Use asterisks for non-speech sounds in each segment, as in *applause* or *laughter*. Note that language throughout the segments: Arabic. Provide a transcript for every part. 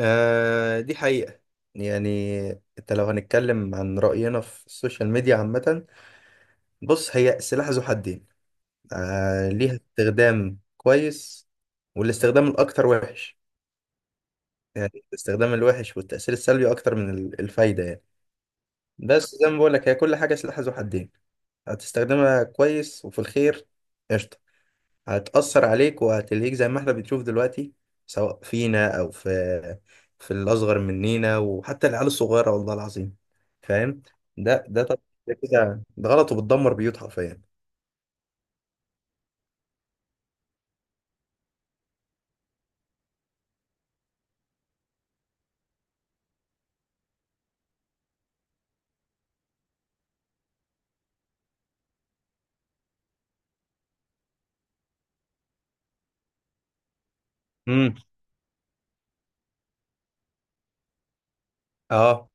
آه، دي حقيقة. يعني، انت لو هنتكلم عن رأينا في السوشيال ميديا عامة، بص، هي سلاح ذو حدين. آه، ليها استخدام كويس والاستخدام الأكتر وحش. يعني الاستخدام الوحش والتأثير السلبي أكتر من الفايدة، يعني. بس زي ما بقولك، هي كل حاجة سلاح ذو حدين. هتستخدمها كويس وفي الخير قشطة. هتأثر عليك وهتلهيك زي ما احنا بنشوف دلوقتي، سواء فينا أو في الأصغر مننا، وحتى العيال الصغيرة، والله العظيم. فاهم؟ ده طب، ده كده ده غلط وبتدمر بيوت حرفيا. امم. اه.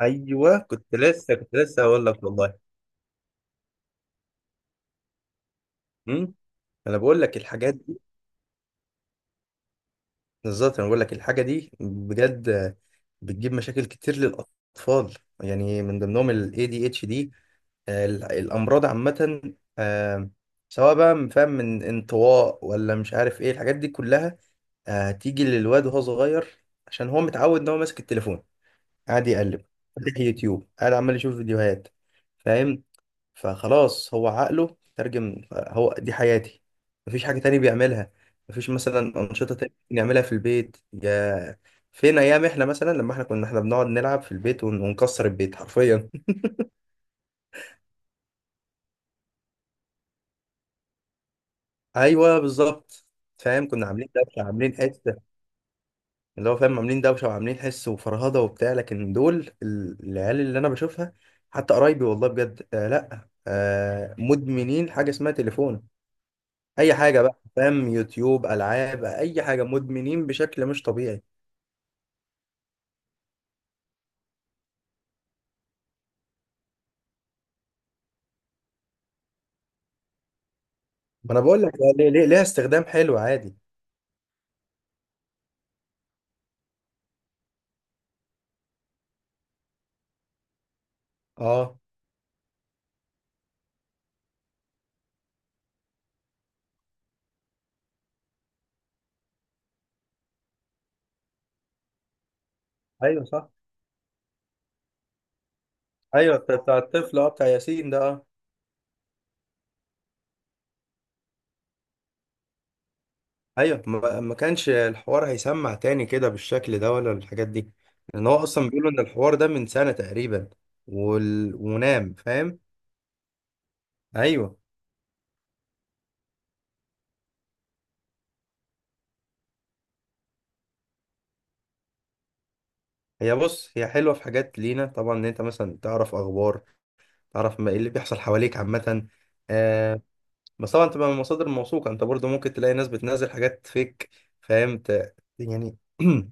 ايوه، كنت لسه هقول لك والله. امم. انا بقول لك الحاجات دي. بالظبط، انا بقول لك الحاجه دي بجد. بتجيب مشاكل كتير للاطفال. يعني من ضمنهم ال ADHD، الامراض عامه. آه، سواء بقى فاهم من انطواء ولا مش عارف ايه الحاجات دي كلها. هتيجي للواد وهو صغير عشان هو متعود ان هو ماسك التليفون، قاعد يقلب، فاتح يوتيوب، قاعد عمال يشوف فيديوهات. فاهم؟ فخلاص، هو عقله ترجم هو دي حياتي. مفيش حاجه تاني بيعملها. مفيش مثلا انشطه تانية نعملها في البيت. يا فين ايام احنا، مثلا لما احنا كنا بنقعد نلعب في البيت ونكسر البيت حرفيا. ايوه، بالظبط. فاهم، كنا عاملين دوشه، عاملين حس. اللي هو، فاهم، عاملين دوشه وعاملين حس وفرهده وبتاع، لكن دول العيال اللي انا بشوفها حتى قرايبي، والله بجد، آه لا آه، مدمنين حاجه اسمها تليفون. اي حاجه بقى، فاهم، يوتيوب، العاب، اي حاجه، مدمنين بشكل مش طبيعي. ما انا بقول لك، ليها استخدام حلو عادي. اه، ايوه صح. ايوه، بتاع الطفل، بتاع ياسين ده، آه. ايوه، ما كانش الحوار هيسمع تاني كده بالشكل ده ولا الحاجات دي، لان هو اصلا بيقولوا ان الحوار ده من سنة تقريبا ونام، فاهم. ايوه، هي بص هي حلوة في حاجات لينا طبعا، ان انت مثلا تعرف اخبار، تعرف ما ايه اللي بيحصل حواليك عامة. آه. بس طبعا تبقى من مصادر موثوقة. انت برضو ممكن تلاقي ناس بتنزل حاجات فيك، فاهم، يعني *clears throat*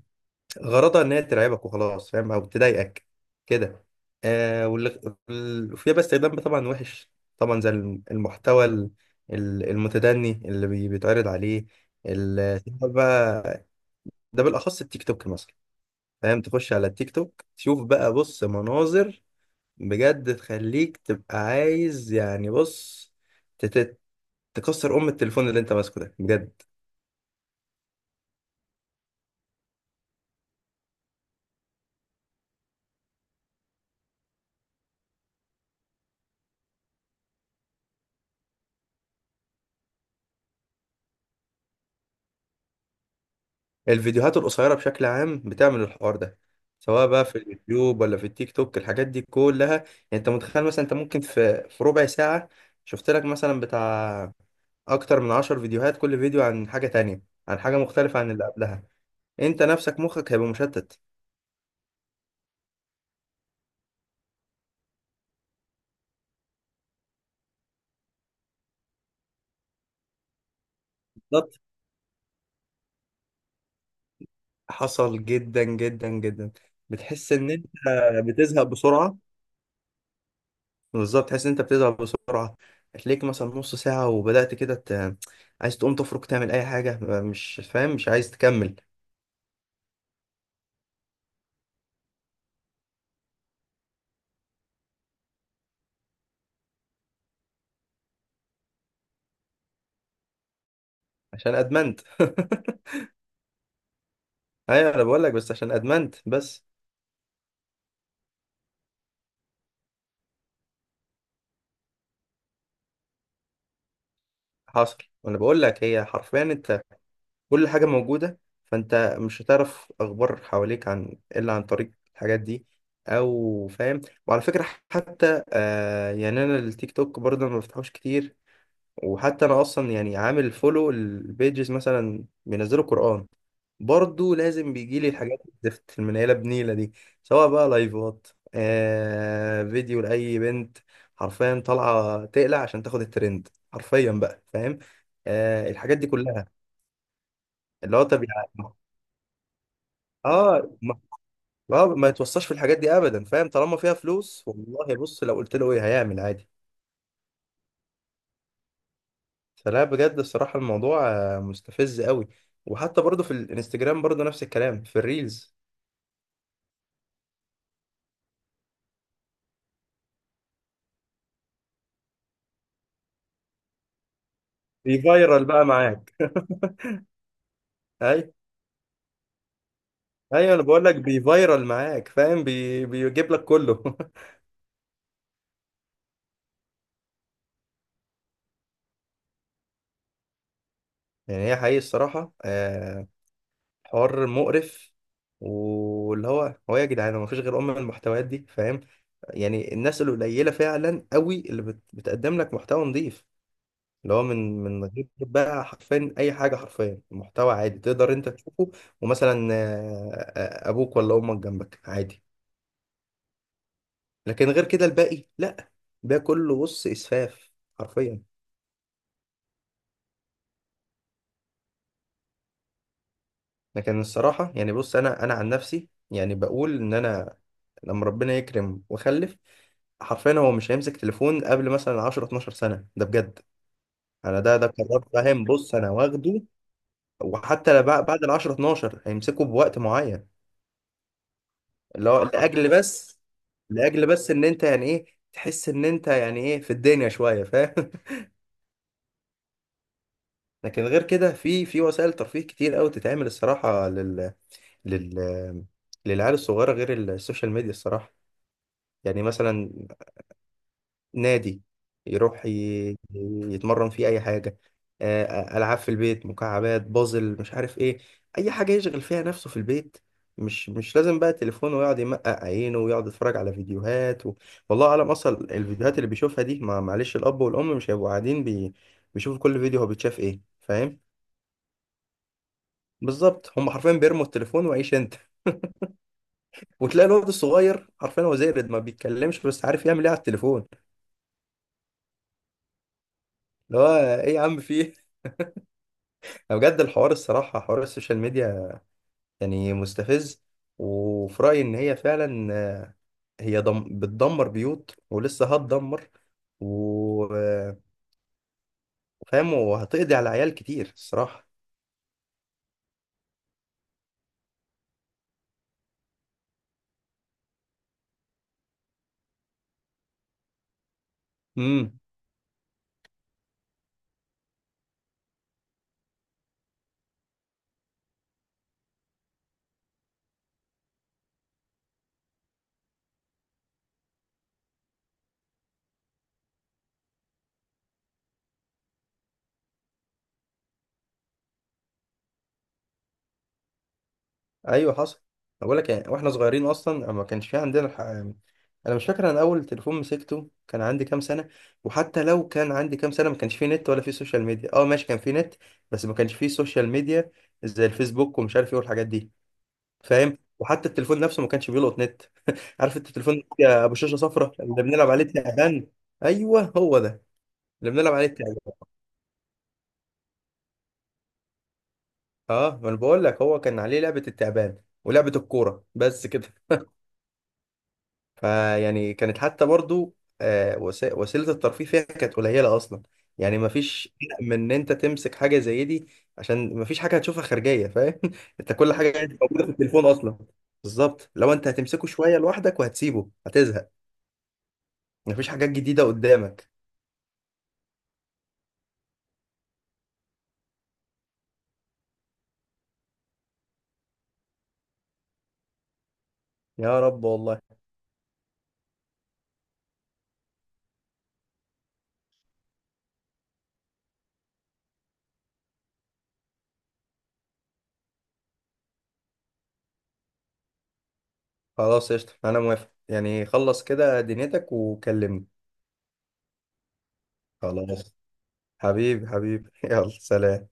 غرضها ان هي ترعبك وخلاص، فاهم، او تضايقك كده. واللي فيها بقى استخدام طبعا وحش، طبعا زي المحتوى المتدني اللي بيتعرض عليه. تدخل بقى، ده بالاخص التيك توك مثلا. فاهم، تخش على التيك توك تشوف بقى، بص، مناظر بجد تخليك تبقى عايز، يعني بص، تت- تكسر ام التليفون اللي انت ماسكه ده بجد. الفيديوهات القصيرة بشكل عام بتعمل الحوار ده، سواء بقى في اليوتيوب ولا في التيك توك، الحاجات دي كلها يعني. انت متخيل مثلا، انت ممكن في ربع ساعة شفت لك مثلا بتاع اكتر من عشر فيديوهات، كل فيديو عن حاجة تانية، عن حاجة مختلفة عن اللي قبلها. انت نفسك مخك هيبقى مشتت. بالظبط. حصل جدا جدا جدا. بتحس ان انت بتزهق بسرعة. بالظبط، تحس ان انت بتزهق بسرعه. هتلاقيك مثلا نص ساعه وبدات كده عايز تقوم تفرك تعمل اي حاجه، مش فاهم، مش عايز تكمل. عشان ادمنت *laughs* ايوه، انا بقول لك بس عشان ادمنت بس. حصل، وانا بقول لك هي حرفيا انت كل حاجه موجوده. فانت مش هتعرف اخبار حواليك عن الا عن طريق الحاجات دي، او فاهم. وعلى فكره، حتى يعني انا التيك توك برضه ما بفتحوش كتير. وحتى انا اصلا يعني عامل فولو البيجز مثلا بينزلوا قران، برضو لازم بيجي لي الحاجات الزفت المنيله بنيله دي، سواء بقى لايفات، آه، فيديو لاي بنت حرفيا طالعه تقلع عشان تاخد الترند حرفيا بقى، فاهم، آه، الحاجات دي كلها. اللي هو طب اه ما, ما يتوصاش في الحاجات دي ابدا، فاهم، طالما فيها فلوس. والله بص، لو قلت له ايه هيعمل عادي. فلا بجد، الصراحه الموضوع مستفز قوي. وحتى برضو في الانستجرام برضو نفس الكلام في الريلز. بيفيرال بقى معاك *laughs* اي ايوه، انا بقول لك بيفايرال معاك، فاهم، بيجيب لك كله *laughs* يعني هي حقيقي الصراحه، حوار مقرف. واللي هو، هو إيه يا جدعان، ما فيش غير ام المحتويات دي، فاهم. يعني الناس القليله فعلا قوي اللي بتقدم لك محتوى نظيف، اللي هو من غير بقى حرفيا اي حاجه، حرفيا محتوى عادي تقدر انت تشوفه، ومثلا، ابوك ولا امك جنبك عادي. لكن غير كده الباقي لا، ده كله بص اسفاف، حرفيا. لكن الصراحة، يعني بص، أنا عن نفسي، يعني بقول إن أنا لما ربنا يكرم وأخلف، حرفيا هو مش هيمسك تليفون قبل مثلا 10 12 سنة، ده بجد. أنا ده قرار، فاهم، بص، أنا واخده. وحتى بعد ال 10 12 هيمسكه بوقت معين، اللي هو لأجل *laughs* بس، لأجل بس إن أنت يعني إيه، تحس إن أنت يعني إيه في الدنيا شوية، فاهم *laughs* لكن غير كده، في وسائل ترفيه كتير أوي تتعمل الصراحة لل لل للعيال الصغيرة غير السوشيال ميديا الصراحة. يعني مثلا نادي يروح يتمرن فيه أي حاجة، ألعاب في البيت، مكعبات، بازل، مش عارف إيه، أي حاجة يشغل فيها نفسه في البيت. مش لازم بقى تليفونه ويقعد يمقق عينه ويقعد يتفرج على فيديوهات والله أعلم أصلا الفيديوهات اللي بيشوفها دي. ما معلش، الأب والأم مش هيبقوا قاعدين بيشوفوا كل فيديو هو بيتشاف إيه، فاهم. بالظبط، هم حرفيا بيرموا التليفون وعيش أنت *laughs* وتلاقي الولد الصغير حرفيا هو زي ما بيتكلمش بس عارف يعمل ايه على التليفون. اللي هو ايه يا عم، في، بجد الحوار، الصراحة حوار السوشيال ميديا يعني مستفز. وفي رأيي إن هي فعلا، هي بتدمر بيوت ولسه هتدمر، وفاهم، وهتقضي على عيال كتير الصراحة. امم. أيوه، حصل. بقول لك يعني واحنا صغيرين أصلا ما كانش في عندنا أنا مش فاكر أنا أول تليفون مسكته كان عندي كام سنة. وحتى لو كان عندي كام سنة ما كانش فيه نت ولا فيه سوشيال ميديا. أه ماشي، كان فيه نت بس ما كانش فيه سوشيال ميديا زي الفيسبوك ومش عارف إيه والحاجات دي، فاهم. وحتى التليفون نفسه ما كانش بيلقط نت *laughs* عارف انت التليفون يا ابو شاشه صفرا اللي بنلعب عليه التعبان؟ ايوه، هو ده اللي بنلعب عليه التعبان. اه، ما انا بقول لك هو كان عليه لعبه التعبان ولعبه الكوره بس كده. فيعني كانت حتى برضو، آه، وسيله الترفيه فيها كانت قليله اصلا. يعني ما فيش من ان انت تمسك حاجه زي دي، عشان ما فيش حاجه هتشوفها خارجيه، فاهم *laughs* انت كل حاجه موجوده في التليفون اصلا. بالظبط، لو انت هتمسكه شويه لوحدك وهتسيبه هتزهق. مفيش حاجات جديدة قدامك. يا رب والله. خلاص، قشطة، أنا موافق يعني. خلص كده دنيتك وكلمني. خلاص، حبيبي حبيبي *laughs* يلا سلام.